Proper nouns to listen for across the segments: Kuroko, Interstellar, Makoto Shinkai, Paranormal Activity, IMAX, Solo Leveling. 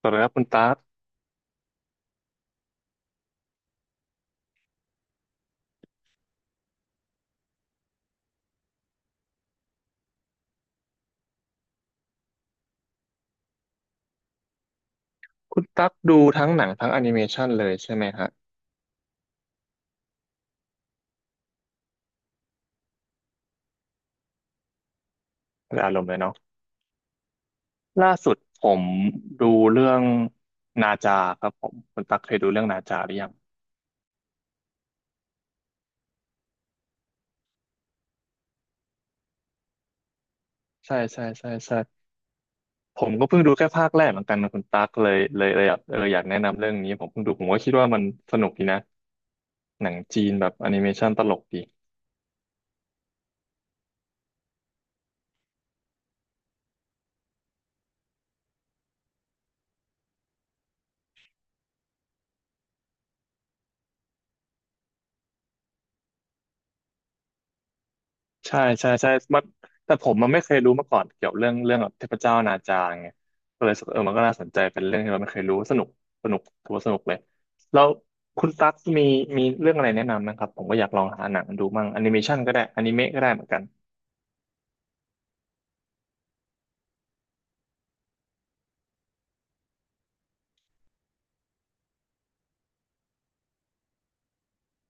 สวัสดีครับคุณตั๊กคุณตั๊กดูทั้งหนังทั้งแอนิเมชันเลยใช่ไหมฮะเป็นอารมณ์เลยเนาะล่าสุดผมดูเรื่องนาจาครับผมคุณตั๊กเคยดูเรื่องนาจาหรือยังใช่ใช่ใช่ใช่ผมก็เพิ่งดูแค่ภาคแรกเหมือนกันนะคุณตั๊กเลยอยากอยากแนะนำเรื่องนี้ผมเพิ่งดูผมก็คิดว่ามันสนุกดีนะหนังจีนแบบแอนิเมชันตลกดี ใช่ใช่ใช่มันแต่ผมมันไม่เคยรู้มาก่อนเกี่ยวเรื่องแบบเทพเจ้านาจาไงก็เลยรู้สึกเออมันก็น่าสนใจเป็นเรื่องที่เราไม่เคยรู้สนุกสนุกถือว่าสนุกเลยแล้วคุณตั๊กมีเรื่องอะไรแนะนำนะครับผมก็อยากลองหาหนังดูมั่งแอนิเมชันก็ได้อนิเมะก็ได้เหมือนกัน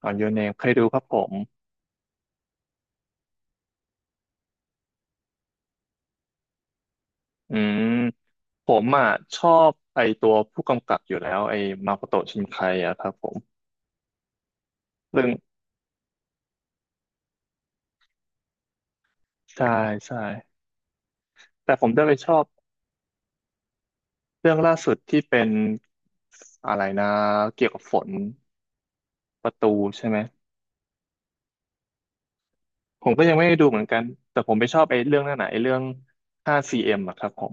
อ๋อยูเนมเคยดูครับผมอืมผมอ่ะชอบไอตัวผู้กำกับอยู่แล้วไอมาโคโตะชินไคอะครับผมเรื่องใช่ใช่แต่ผมจะไปชอบ เรื่องล่าสุดที่เป็นอะไรนะเกี่ยวกับฝนประตูใช่ไหมผมก็ยังไม่ได้ดูเหมือนกันแต่ผมไปชอบไอ้เรื่องนั่นน่ะไอ้เรื่อง 5cm อมอะครับผม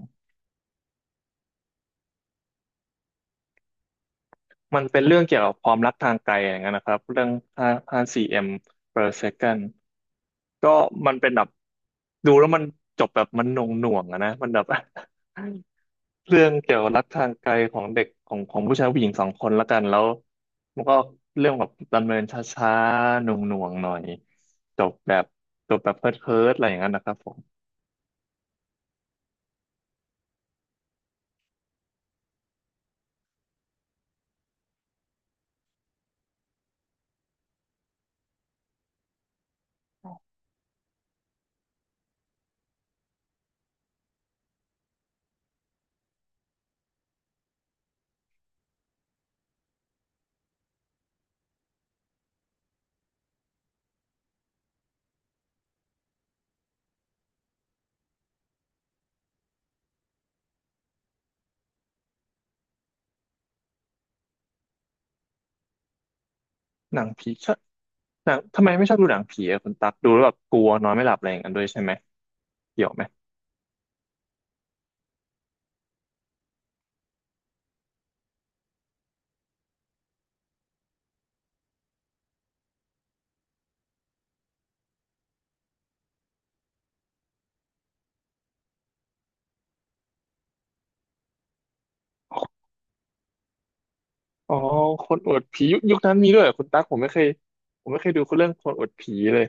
มันเป็นเรื่องเกี่ยวกับความรักทางไกลอย่างนั้นนะครับเรื่อง5 5cm per second ก็มันเป็นแบบดูแล้วมันจบแบบมันหน่วงหน่วงอะนะมันแบบ เรื่องเกี่ยวกับรักทางไกลของเด็กของผู้ชายผู้หญิงสองคนละกันแล้วมันก็เรื่องแบบดำเนินช้าๆหน่วงหน่วงหน่อยจบแบบจบแบบเพิร์ดเพิร์ดอะไรอย่างนั้นนะครับผมหนังผีชอบหนังทำไมไม่ชอบดูหนังผีอะคุณตักดูแล้วแบบกลัวนอนไม่หลับอะไรอย่างนั้นด้วยใช่ไหมเกี่ยวไหมอ๋อคนอวดผียุคนั้นมีด้วยเหรอคุณตักผมไม่เคยผมไม่เคยดูเรื่องคนอวดผีเลย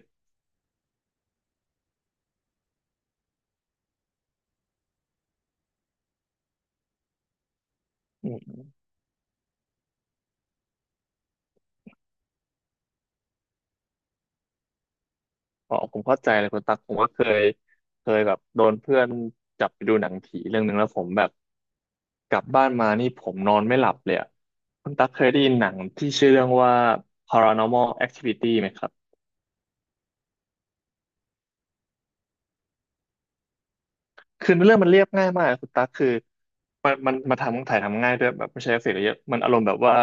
อ๋อผมเข้าใจเลยคุณตั๊กผมก็เคยแบบโดนเพื่อนจับไปดูหนังผีเรื่องหนึ่งแล้วผมแบบกลับบ้านมานี่ผมนอนไม่หลับเลยอะคุณตั๊กเคยได้ยินหนังที่ชื่อเรื่องว่า Paranormal Activity ไหมครับคือเรื่องมันเรียบง่ายมากคุณตั๊กคือมันมาทำถ่ายทำง่ายด้วยแบบไม่ใช้เอฟเฟกต์อะไรเยอะมันอารมณ์แบบว่า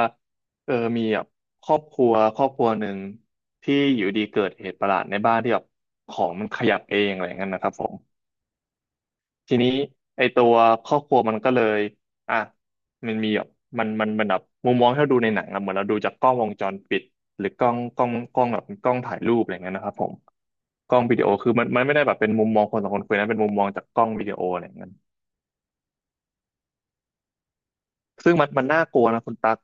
เออมีแบบครอบครัวหนึ่งที่อยู่ดีเกิดเหตุประหลาดในบ้านที่แบบของมันขยับเองอะไรอย่างนั้นนะครับผม ทีนี้ไอตัวครอบครัวมันก็เลยอ่ะมันมีแบบมันแบบมุมมองที่เราดูในหนังอะเหมือนเราดูจากกล้องวงจรปิดหรือกล้องแบบกล้องถ่ายรูปอะไรเงี้ยนะครับผมกล้องวิดีโอคือมันไม่ได้แบบเป็นมุมมองคนสองคนคุยนะเป็นมุมมองจากกล้องวิดีโออะไรเงี้ยซึ่งมันน่ากลัวนะคุณตั๊ก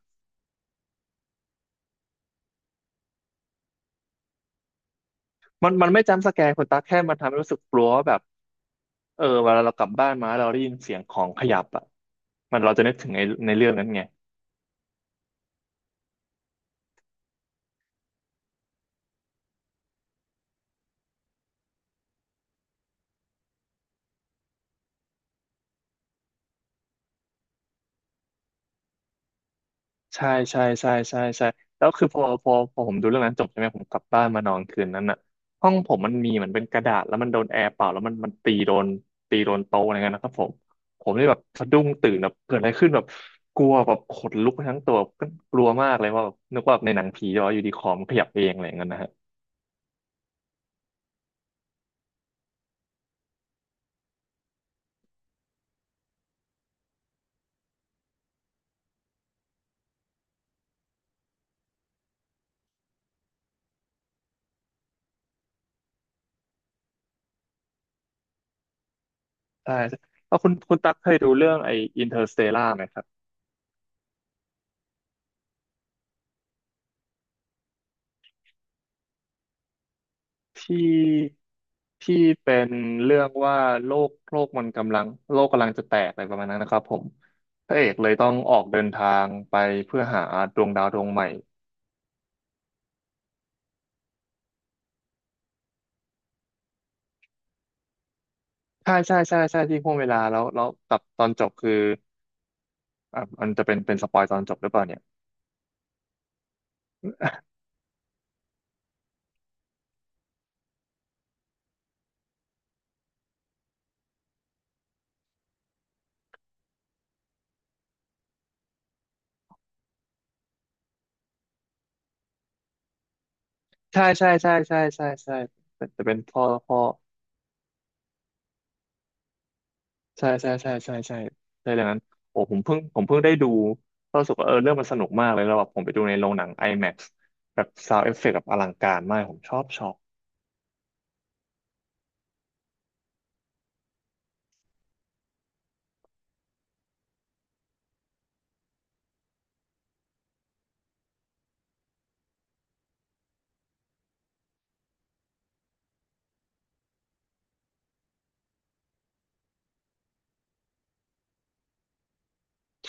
มันไม่จำสแกนคุณตั๊กแค่มันทำให้รู้สึกกลัวว่าแบบเออเวลาเรากลับบ้านมาแล้วเราได้ยินเสียงของขยับอ่ะมันเราจะนึกถึงในเรื่องนั้นไง ใช่ใช่ใช่ใช่ใช่แล้วคือพอผมดูเรื่องนั้นจบใช่ไหมผมกลับบ้านมานอนคืนนั้นน่ะห้องผมมันมีเหมือนเป็นกระดาษแล้วมันโดนแอร์เป่าแล้วมันตีโดนโต๊ะอะไรเงี้ยนะครับผมผมเลยแบบสะดุ้งตื่นแบบเกิดอะไรขึ้นแบบกลัวแบบขนลุกไปทั้งตัวก็กลัวมากเลยว่าแบบนึกว่าแบบในหนังผีจะว่าอยู่ดีคอมนขยับเองอะไรเงี้ยนะฮะใช่แล้วคุณตั๊กเคยดูเรื่องไอ้อินเตอร์สเตลาไหมครับ ที่ที่เป็นเรื่องว่าโลกมันกำลังโลกกำลังจะแตกอะไรประมาณนั้นนะครับผมพระเอกเลยต้องออกเดินทางไปเพื่อหาดวงดาวดวงใหม่ใช่ใช่ใช่ใช่ที่พ่วงเวลาแล้วกับตอนจบคืออ่ะมันจะเป็นเป็นสปอยตอนจบหรือเปล่าเนี่ยใช่ใช่ใช่ใช่ใช่ใช่จะเป็นพ่อ ใช่ใช่ใช่ใช่ใช่ใช่ดังนั้นโอ้ผมเพิ่งได้ดูก็รู้สึกว่าเออเรื่องมันสนุกมากเลยแล้วแบบผมไปดูในโรงหนัง IMAX แบบซาวด์เอฟเฟกต์แบบอลังการมากผมชอบ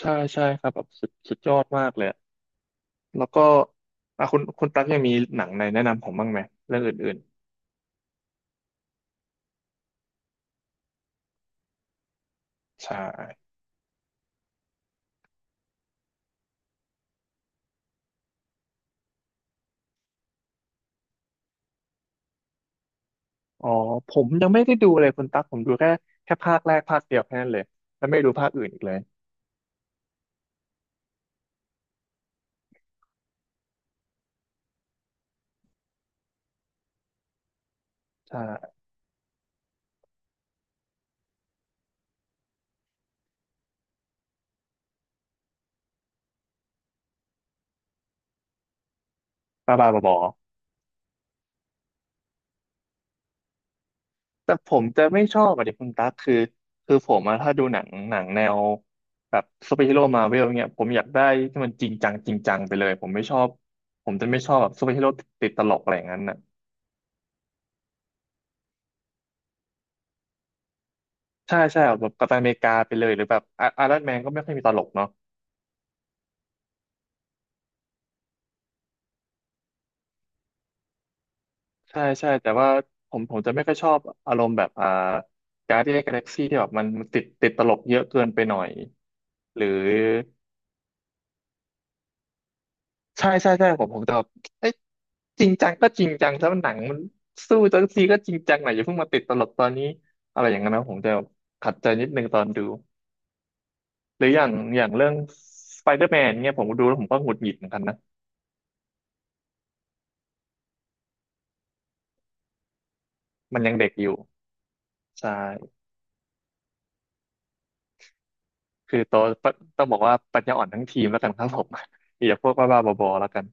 ใช่ใช่ครับแบบสุดยอดมากเลยอะแล้วก็อ่ะคุณตั๊กยังมีหนังในแนะนำผมบ้างไหมเรื่องอื่นๆใช่อ๋อผมยังไม่ได้ดูเลยคุณตั๊กผมดูแค่ภาคแรกภาคเดียวแค่นั้นเลยแล้วไม่ดูภาคอื่นอีกเลยใช่บ้าบ้าบอ แต่ผมจะไม่ชอบอะดิคุณตั๊กคือคือผมอะถ้าดูหนังแนวแบบซูเปอร์ฮีโร่มาเวลเนี่ยผมอยากได้ที่มันจริงจังไปเลยผมไม่ชอบผมจะไม่ชอบแบบซูเปอร์ฮีโร่ติดตลกอะไรอย่างนั้นน่ะใช่ใช่แบบกัปตันอเมริกาไปเลยหรือแบบไอรอนแมนก็ไม่ค่อยมีตลกเนาะใช่ใช่แต่ว่าผมจะไม่ค่อยชอบอารมณ์แบบการ์ดเดียนกาแล็กซี่ที่แบบมันติดตลกเยอะเกินไปหน่อยหรือ ใช่ใช่ใช่ผมจะแบบเอ้ยจริงจังก็จริงจังแล้วหนังมันสู้จังซีก็จริงจังหน่อยอย่าเพิ่งมาติดตลกตอนนี้อะไรอย่างนั้นนะผมจะขัดใจนิดนึงตอนดูหรืออย่างเรื่องสไปเดอร์แมนเนี่ยผมดูแล้วผมก็หงุดหงิดเหมือนกันนะมันยังเด็กอยู่ใช่คือโตต้องบอกว่าปัญญาอ่อนทั้งทีมแล้วกันครับผม อย่าพวกบ้าๆบอๆแล้วกัน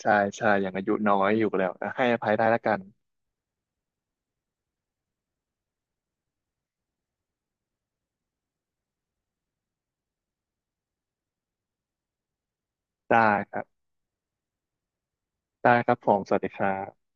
ใช่ใช่อย่างอายุน้อยอยู่แล้วให้อภัยได้แล้วกันได้ครับผมสวัสดีครับ